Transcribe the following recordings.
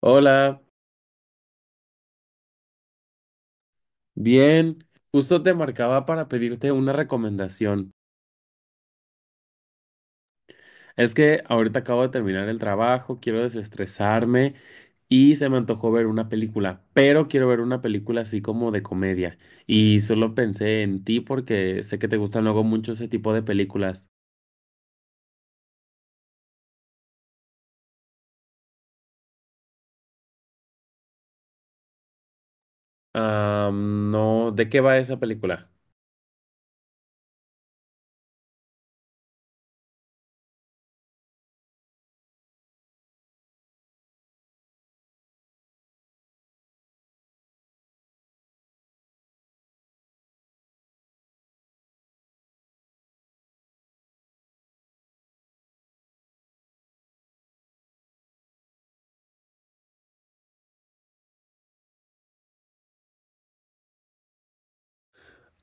Hola, bien. Justo te marcaba para pedirte una recomendación. Es que ahorita acabo de terminar el trabajo, quiero desestresarme y se me antojó ver una película, pero quiero ver una película así como de comedia. Y solo pensé en ti porque sé que te gustan luego mucho ese tipo de películas. Ah, no, ¿de qué va esa película?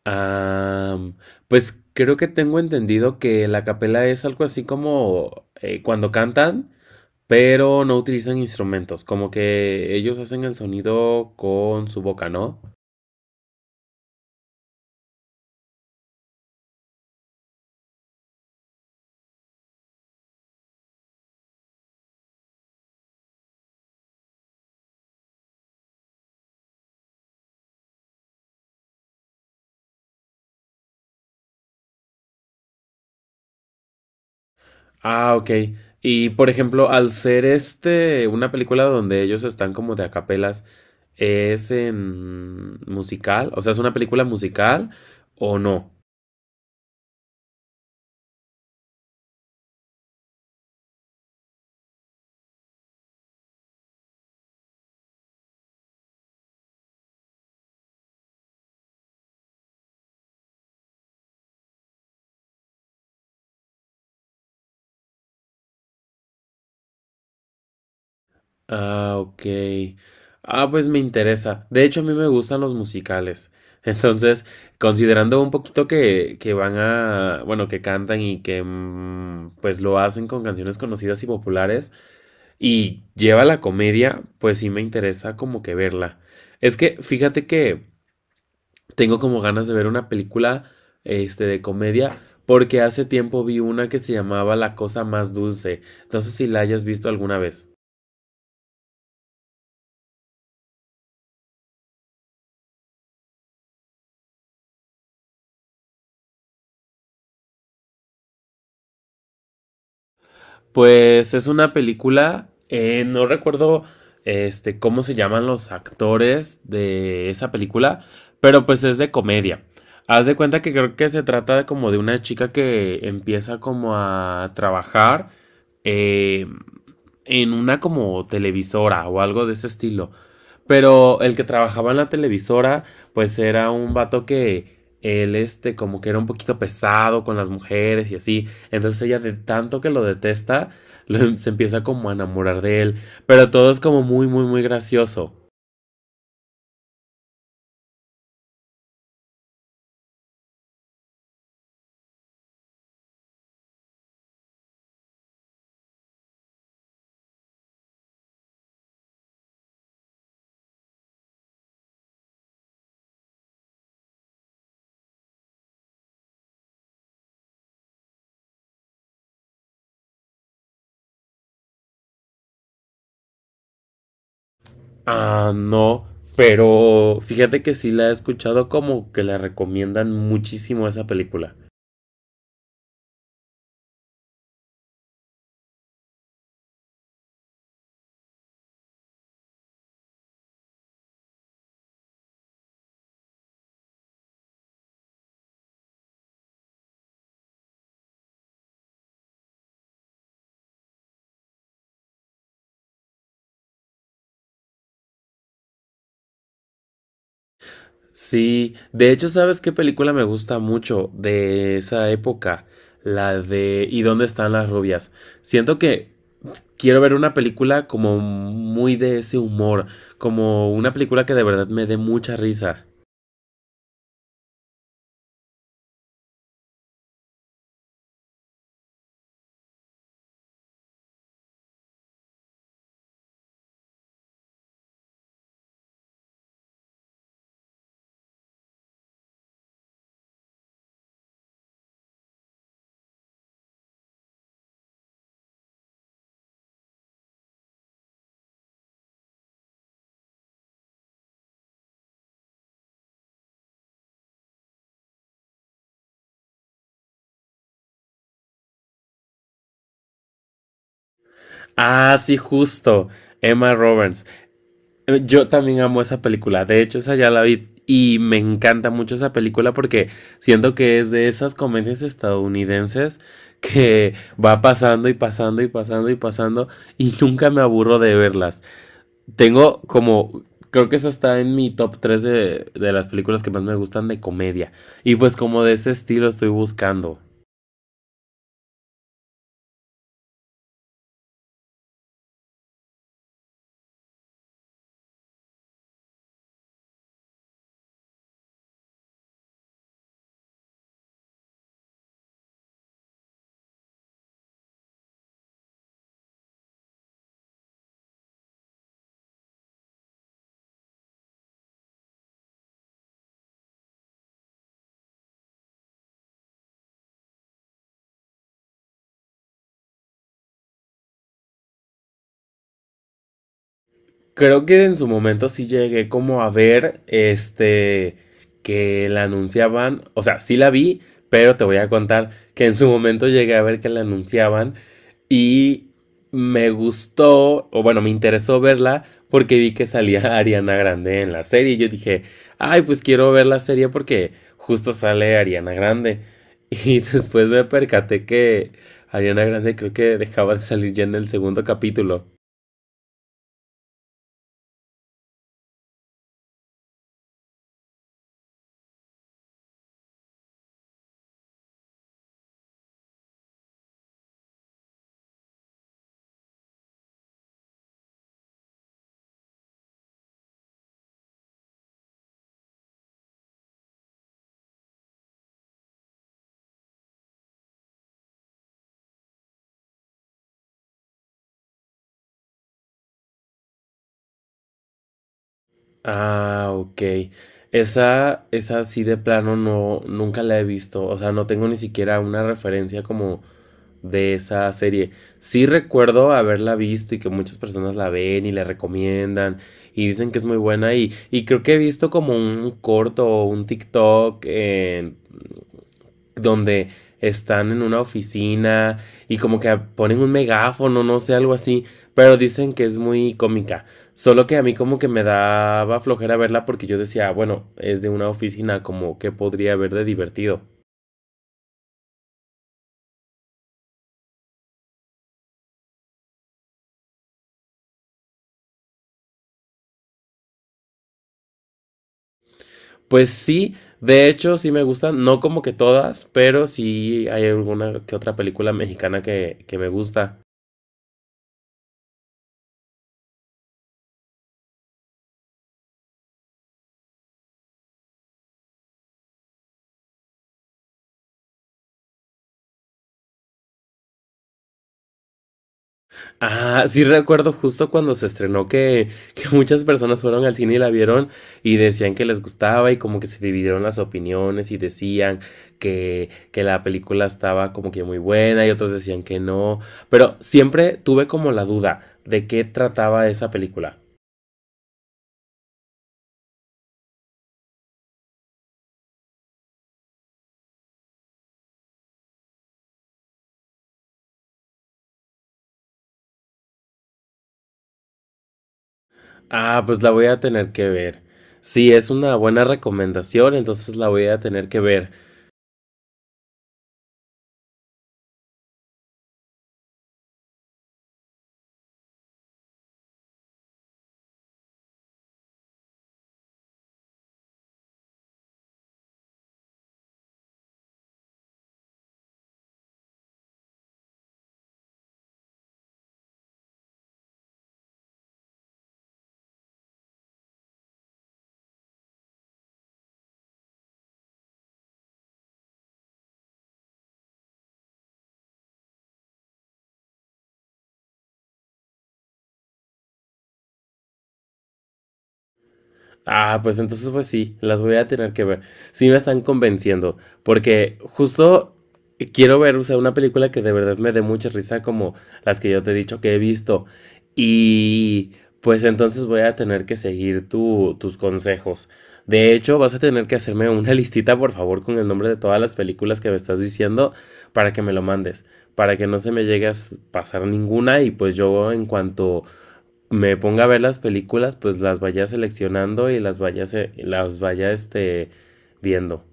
Ah, pues creo que tengo entendido que la capela es algo así como cuando cantan, pero no utilizan instrumentos, como que ellos hacen el sonido con su boca, ¿no? Ah, ok. Y por ejemplo, al ser una película donde ellos están como de acapelas, ¿es en musical? O sea, ¿es una película musical o no? Ah, ok. Ah, pues me interesa. De hecho, a mí me gustan los musicales. Entonces, considerando un poquito que van a, bueno, que cantan y que pues lo hacen con canciones conocidas y populares, y lleva la comedia, pues sí me interesa como que verla. Es que fíjate que tengo como ganas de ver una película de comedia porque hace tiempo vi una que se llamaba La Cosa Más Dulce. No sé si la hayas visto alguna vez. Pues es una película, no recuerdo cómo se llaman los actores de esa película, pero pues es de comedia. Haz de cuenta que creo que se trata de como de una chica que empieza como a trabajar eh, en una como televisora o algo de ese estilo. Pero el que trabajaba en la televisora, pues era un vato que él, como que era un poquito pesado con las mujeres y así. Entonces ella de tanto que lo detesta, se empieza como a enamorar de él. Pero todo es como muy, muy, muy gracioso. Ah, no. Pero fíjate que sí la he escuchado como que la recomiendan muchísimo esa película. Sí, de hecho, ¿sabes qué película me gusta mucho de esa época? La de ¿y dónde están las rubias? Siento que quiero ver una película como muy de ese humor, como una película que de verdad me dé mucha risa. Ah, sí, justo. Emma Roberts. Yo también amo esa película. De hecho, esa ya la vi y me encanta mucho esa película porque siento que es de esas comedias estadounidenses que va pasando y pasando y pasando y pasando y nunca me aburro de verlas. Tengo como... Creo que esa está en mi top 3 de las películas que más me gustan de comedia. Y pues como de ese estilo estoy buscando. Creo que en su momento sí llegué como a ver que la anunciaban, o sea, sí la vi, pero te voy a contar que en su momento llegué a ver que la anunciaban y me gustó, o bueno, me interesó verla porque vi que salía Ariana Grande en la serie y yo dije, ay, pues quiero ver la serie porque justo sale Ariana Grande. Y después me percaté que Ariana Grande creo que dejaba de salir ya en el segundo capítulo. Ah, ok. Esa sí de plano no, nunca la he visto. O sea, no tengo ni siquiera una referencia como de esa serie. Sí recuerdo haberla visto y que muchas personas la ven y la recomiendan y dicen que es muy buena y creo que he visto como un corto o un TikTok donde están en una oficina y como que ponen un megáfono, no sé, algo así, pero dicen que es muy cómica. Solo que a mí como que me daba flojera verla porque yo decía, bueno, es de una oficina, como que podría haber de divertido. Pues sí, de hecho sí me gustan, no como que todas, pero sí hay alguna que otra película mexicana que me gusta. Ah, sí recuerdo justo cuando se estrenó que muchas personas fueron al cine y la vieron y decían que les gustaba y como que se dividieron las opiniones y decían que la película estaba como que muy buena y otros decían que no. Pero siempre tuve como la duda de qué trataba esa película. Ah, pues la voy a tener que ver. Sí, es una buena recomendación, entonces la voy a tener que ver. Ah, pues entonces pues sí, las voy a tener que ver. Sí me están convenciendo, porque justo quiero ver, o sea, una película que de verdad me dé mucha risa como las que yo te he dicho que he visto. Y pues entonces voy a tener que seguir tus consejos. De hecho, vas a tener que hacerme una listita, por favor, con el nombre de todas las películas que me estás diciendo para que me lo mandes, para que no se me llegue a pasar ninguna y pues yo en cuanto me ponga a ver las películas, pues las vaya seleccionando y las vaya viendo.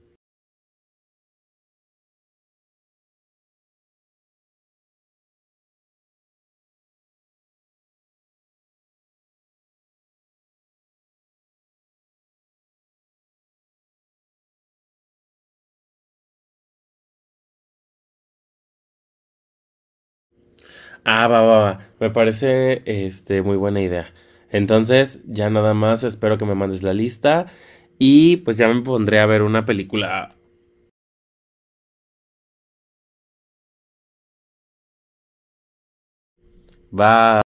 Ah, va, va, va. Me parece muy buena idea. Entonces, ya nada más espero que me mandes la lista y pues ya me pondré a ver una película. Bye.